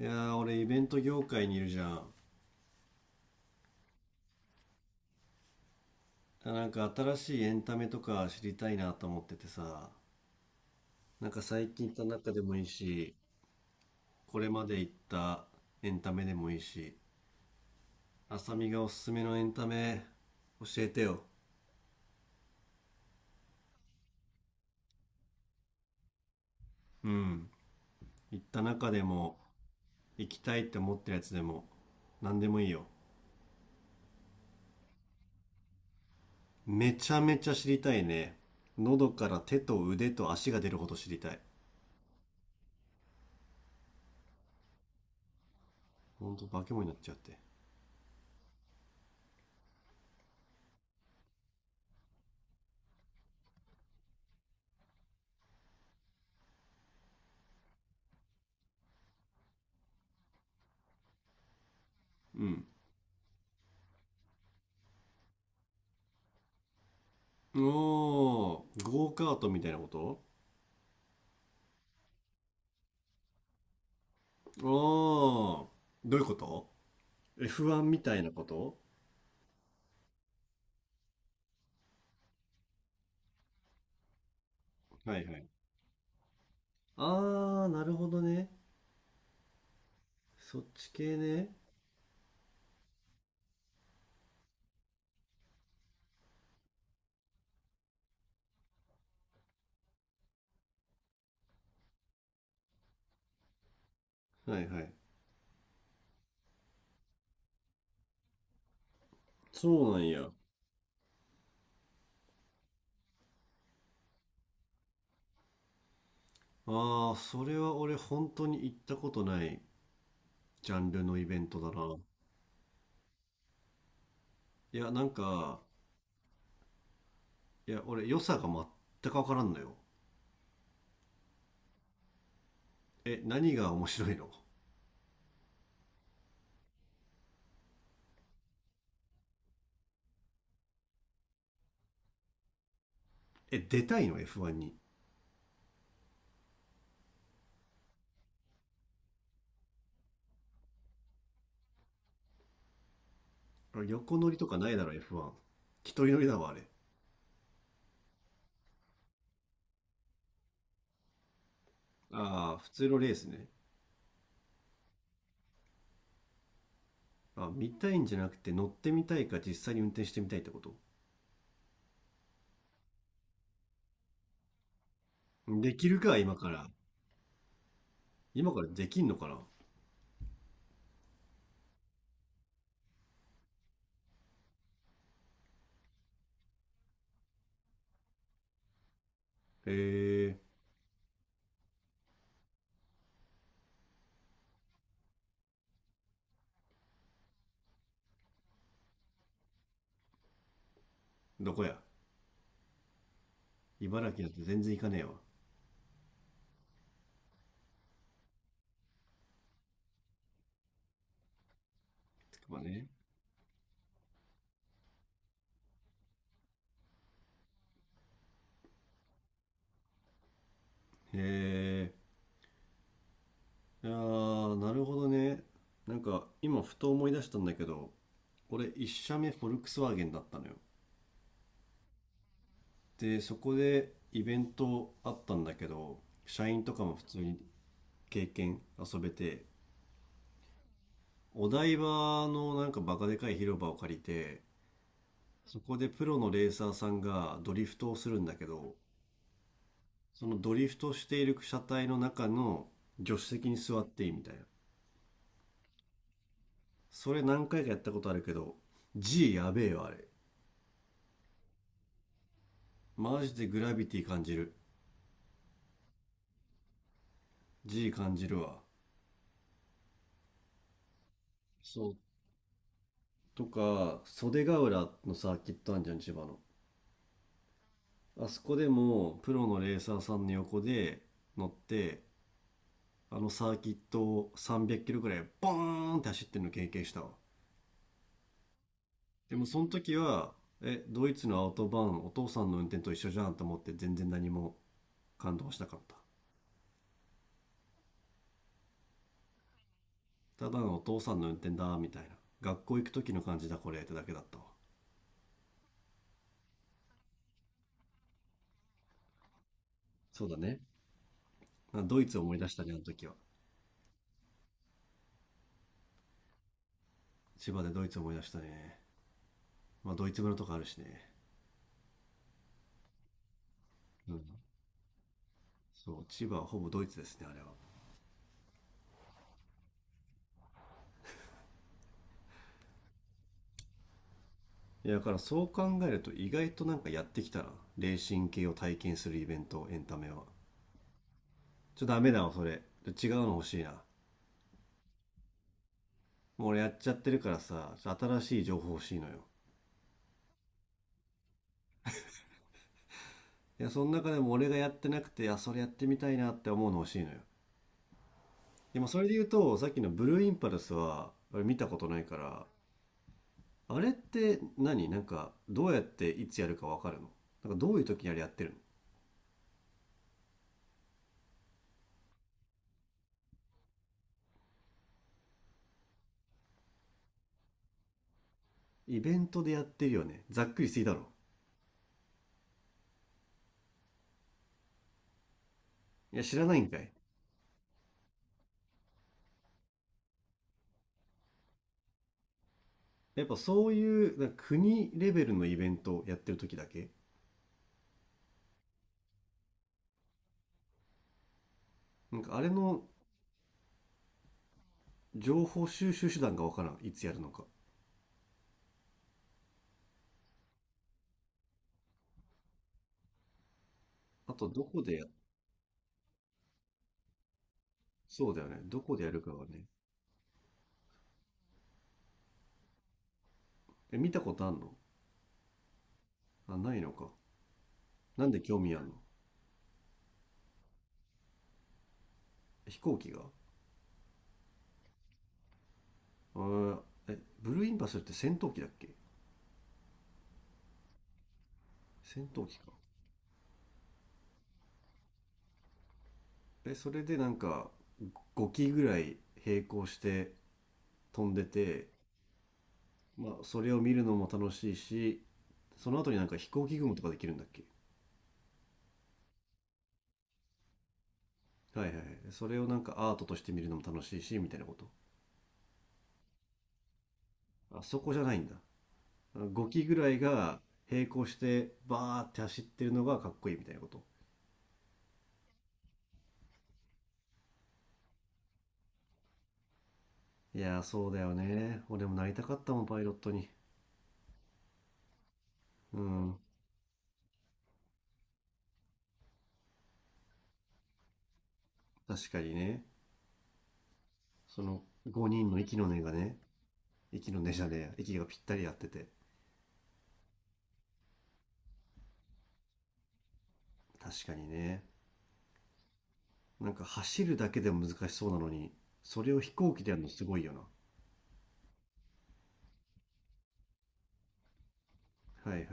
いやー、俺イベント業界にいるじゃん。なんか新しいエンタメとか知りたいなと思っててさ。なんか最近行った中でもいいし、これまで行ったエンタメでもいいし、浅見がおすすめのエンタメ教えてよ。うん。行った中でも、行きたいって思ってるやつでも、何でもいいよ。めちゃめちゃ知りたいね。喉から手と腕と足が出るほど知りたい。ほんと化け物になっちゃって。うん。おー。ゴーカートみたいなこと？ああ、どういうこと？ F1 みたいなこと？はいはい。あ。あー、なるほどね。そっち系ね。はいはい。そうなんや。ああ、それは俺本当に行ったことないジャンルのイベントだな。いや、なんか、いや、俺良さが全くわからんのよ。え、何が面白いの？え、出たいの？ F1 に。あ、横乗りとかないだろ F1。一人乗りだわ、あれ。ああ、普通のレースね。あ、見たいんじゃなくて乗ってみたいか実際に運転してみたいってこと？できるか、今から。今からできんのかな？へえ。どこや？茨城だって全然行かねえわ。つくばね。へえ。ああ、なるほどね。なんか、今ふと思い出したんだけど、俺一社目フォルクスワーゲンだったのよ。で、そこでイベントあったんだけど、社員とかも普通に経験遊べて、お台場のなんかバカでかい広場を借りて、そこでプロのレーサーさんがドリフトをするんだけど、そのドリフトしている車体の中の助手席に座っていいみたいな。それ何回かやったことあるけど、G やべえわ、あれ。マジでグラビティ感じる。G 感じるわ。そう。とか、袖ヶ浦のサーキットあんじゃん、千葉の。あそこでも、プロのレーサーさんの横で乗って、あのサーキットを300キロぐらいボーンって走ってるの経験したわ。でもその時は、え、ドイツのアウトバーン、お父さんの運転と一緒じゃんと思って全然何も感動しなかった。ただのお父さんの運転だ、みたいな。学校行く時の感じだ、これ、ってだけだったわ。そうだね。あ、ドイツ思い出したね、あの時は。千葉でドイツ思い出したね。まあ、ドイツ村とかあるしね。うん。そう、千葉はほぼドイツですね、あれは。いや、だからそう考えると意外となんかやってきたな。レーシング系を体験するイベント、エンタメは。ちょ、ダメだわ、それ。違うの欲しいな。もう俺やっちゃってるからさ、新しい情報欲しいのよ。いや、その中でも俺がやってなくて、あ、それやってみたいなって思うの欲しいのよ。でもそれで言うと、さっきのブルーインパルスは、見たことないから、あれって何なんか、どうやっていつやるかわかるの？なんかどういう時にあれやってるの？イベントでやってるよね。ざっくりすぎだろ。いや、知らないんかい。やっぱそういう、なんか国レベルのイベントやってる時だけ？なんかあれの情報収集手段がわからん。いつやるのか。あと、どこでや。そうだよね。どこでやるかがね。え、見たことあんの？あ、ないのか。なんで興味あんの？飛行機が？あー。え、ブルーインパルスって戦闘機だっけ？戦闘機か。え、それでなんか5機ぐらい並行して飛んでて、まあそれを見るのも楽しいし、その後になんか飛行機雲とかできるんだっけ？はいはいはい。それをなんかアートとして見るのも楽しいしみたいなこと？あ、そこじゃないんだ。5機ぐらいが並行してバーって走ってるのがかっこいいみたいなこと？いやー、そうだよね。俺もなりたかったもんパイロットに。うん。確かにね。その5人の息の根がね、息の根じゃねえや、息がぴったり合ってて。確かにね。なんか走るだけでも難しそうなのに、それを飛行機でやるのすごいよな。はいはいはい。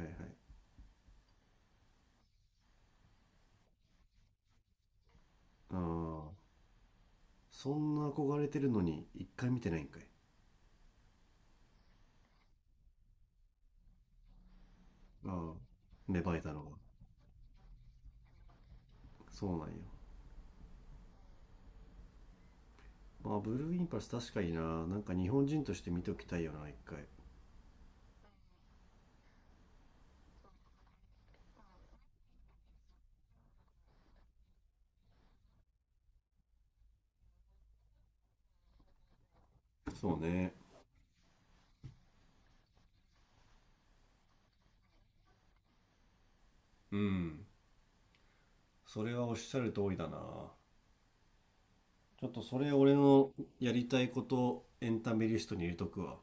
ああ。そんな憧れてるのに一回見てないんかい。ああ、芽生えたのが。そうなんよ。まあ、ブルーインパルス確かにな。なんか日本人として見ておきたいよな、一回。そうね。うん。それはおっしゃる通りだな。ちょっとそれ俺のやりたいことエンタメリストに入れとくわ。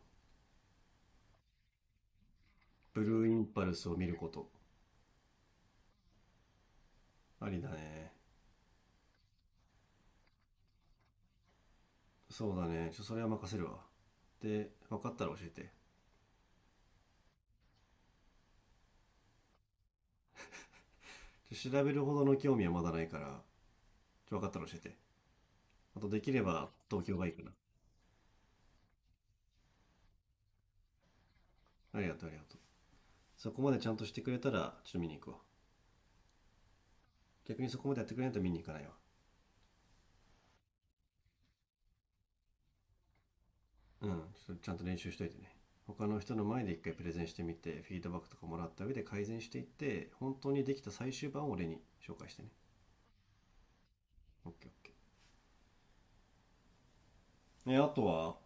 ブルーインパルスを見ること。ありだね。そうだね。ちょ、それは任せるわ。で、分かったら教えて。ちょ、調べるほどの興味はまだないから、ちょ、分かったら教えて。あと、できれば東京がいいかな。ありがとう、ありがとう。そこまでちゃんとしてくれたら、ちょっと見に行くわ。逆にそこまでやってくれないと見に行かないわ。うん、ちょっとちゃんと練習しといてね。他の人の前で一回プレゼンしてみて、フィードバックとかもらった上で改善していって、本当にできた最終版を俺に紹介してね。オッケーオッケー。ね、あとは、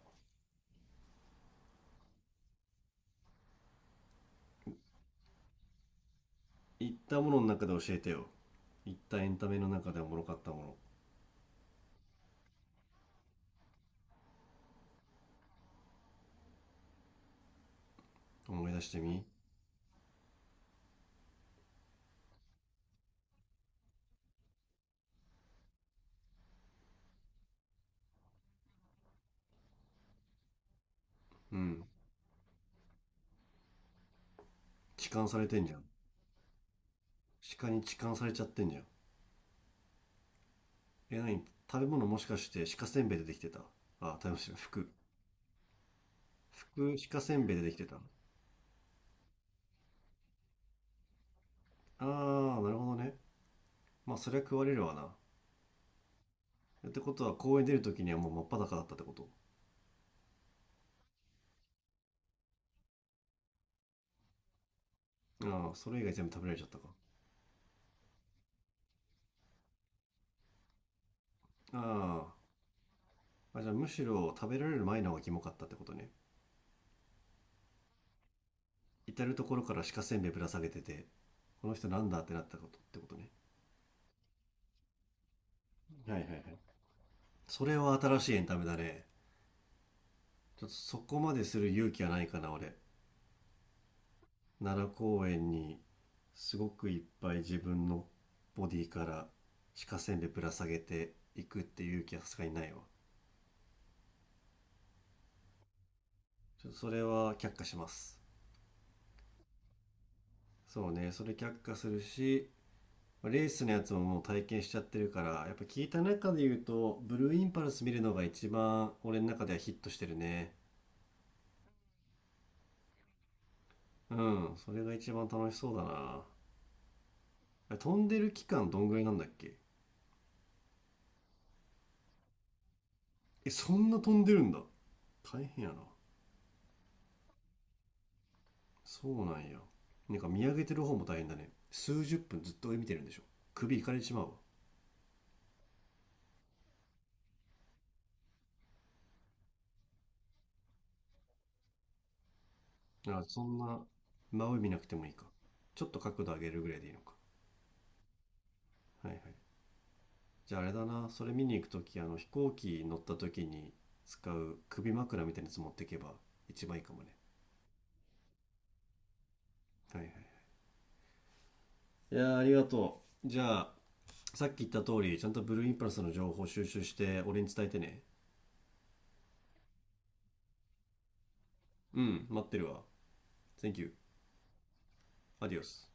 言ったものの中で教えてよ。言ったエンタメの中でおもろかったもの思い出してみ。うん。痴漢されてんじゃん。鹿に痴漢されちゃってんじゃん。え、何？食べ物もしかして鹿せんべいでできてた？あ、食べ物服？服鹿せんべいでできてた？あー、なるほどね。まあ、そりゃ食われるわな。ってことは公園出る時にはもう真っ裸だったってこと？ああ、それ以外全部食べられちゃったか。ああ、あじゃあむしろ食べられる前の方がキモかったってことね。至る所から鹿せんべいぶら下げてて、この人なんだってなったことってことね。はいはいはい。それは新しいエンタメだね。ちょっとそこまでする勇気はないかな、俺。奈良公園にすごくいっぱい自分のボディから鹿せんべいぶら下げていくっていう勇気はさすがにないわ。ちょっとそれは却下します。そうね、それ却下するし、まあレースのやつももう体験しちゃってるから、やっぱ聞いた中で言うと、ブルーインパルス見るのが一番俺の中ではヒットしてるね。うん、それが一番楽しそうだな。あれ飛んでる期間どんぐらいなんだっけ？え、そんな飛んでるんだ。大変やな。そうなんや。なんか見上げてる方も大変だね。数十分ずっと上見てるんでしょ？首いかれてしまう。わあ、そんな。真上見なくてもいいか。ちょっと角度上げるぐらいでいいのか。はいはい。じゃあ、あれだな。それ見に行く時、あの飛行機乗った時に使う首枕みたいなやつ持ってけば一番いいかもね。はいはい。いやあ、ありがとう。じゃあ、さっき言った通りちゃんとブルーインパルスの情報収集して俺に伝えてね。うん、待ってるわ。 Thank you adios。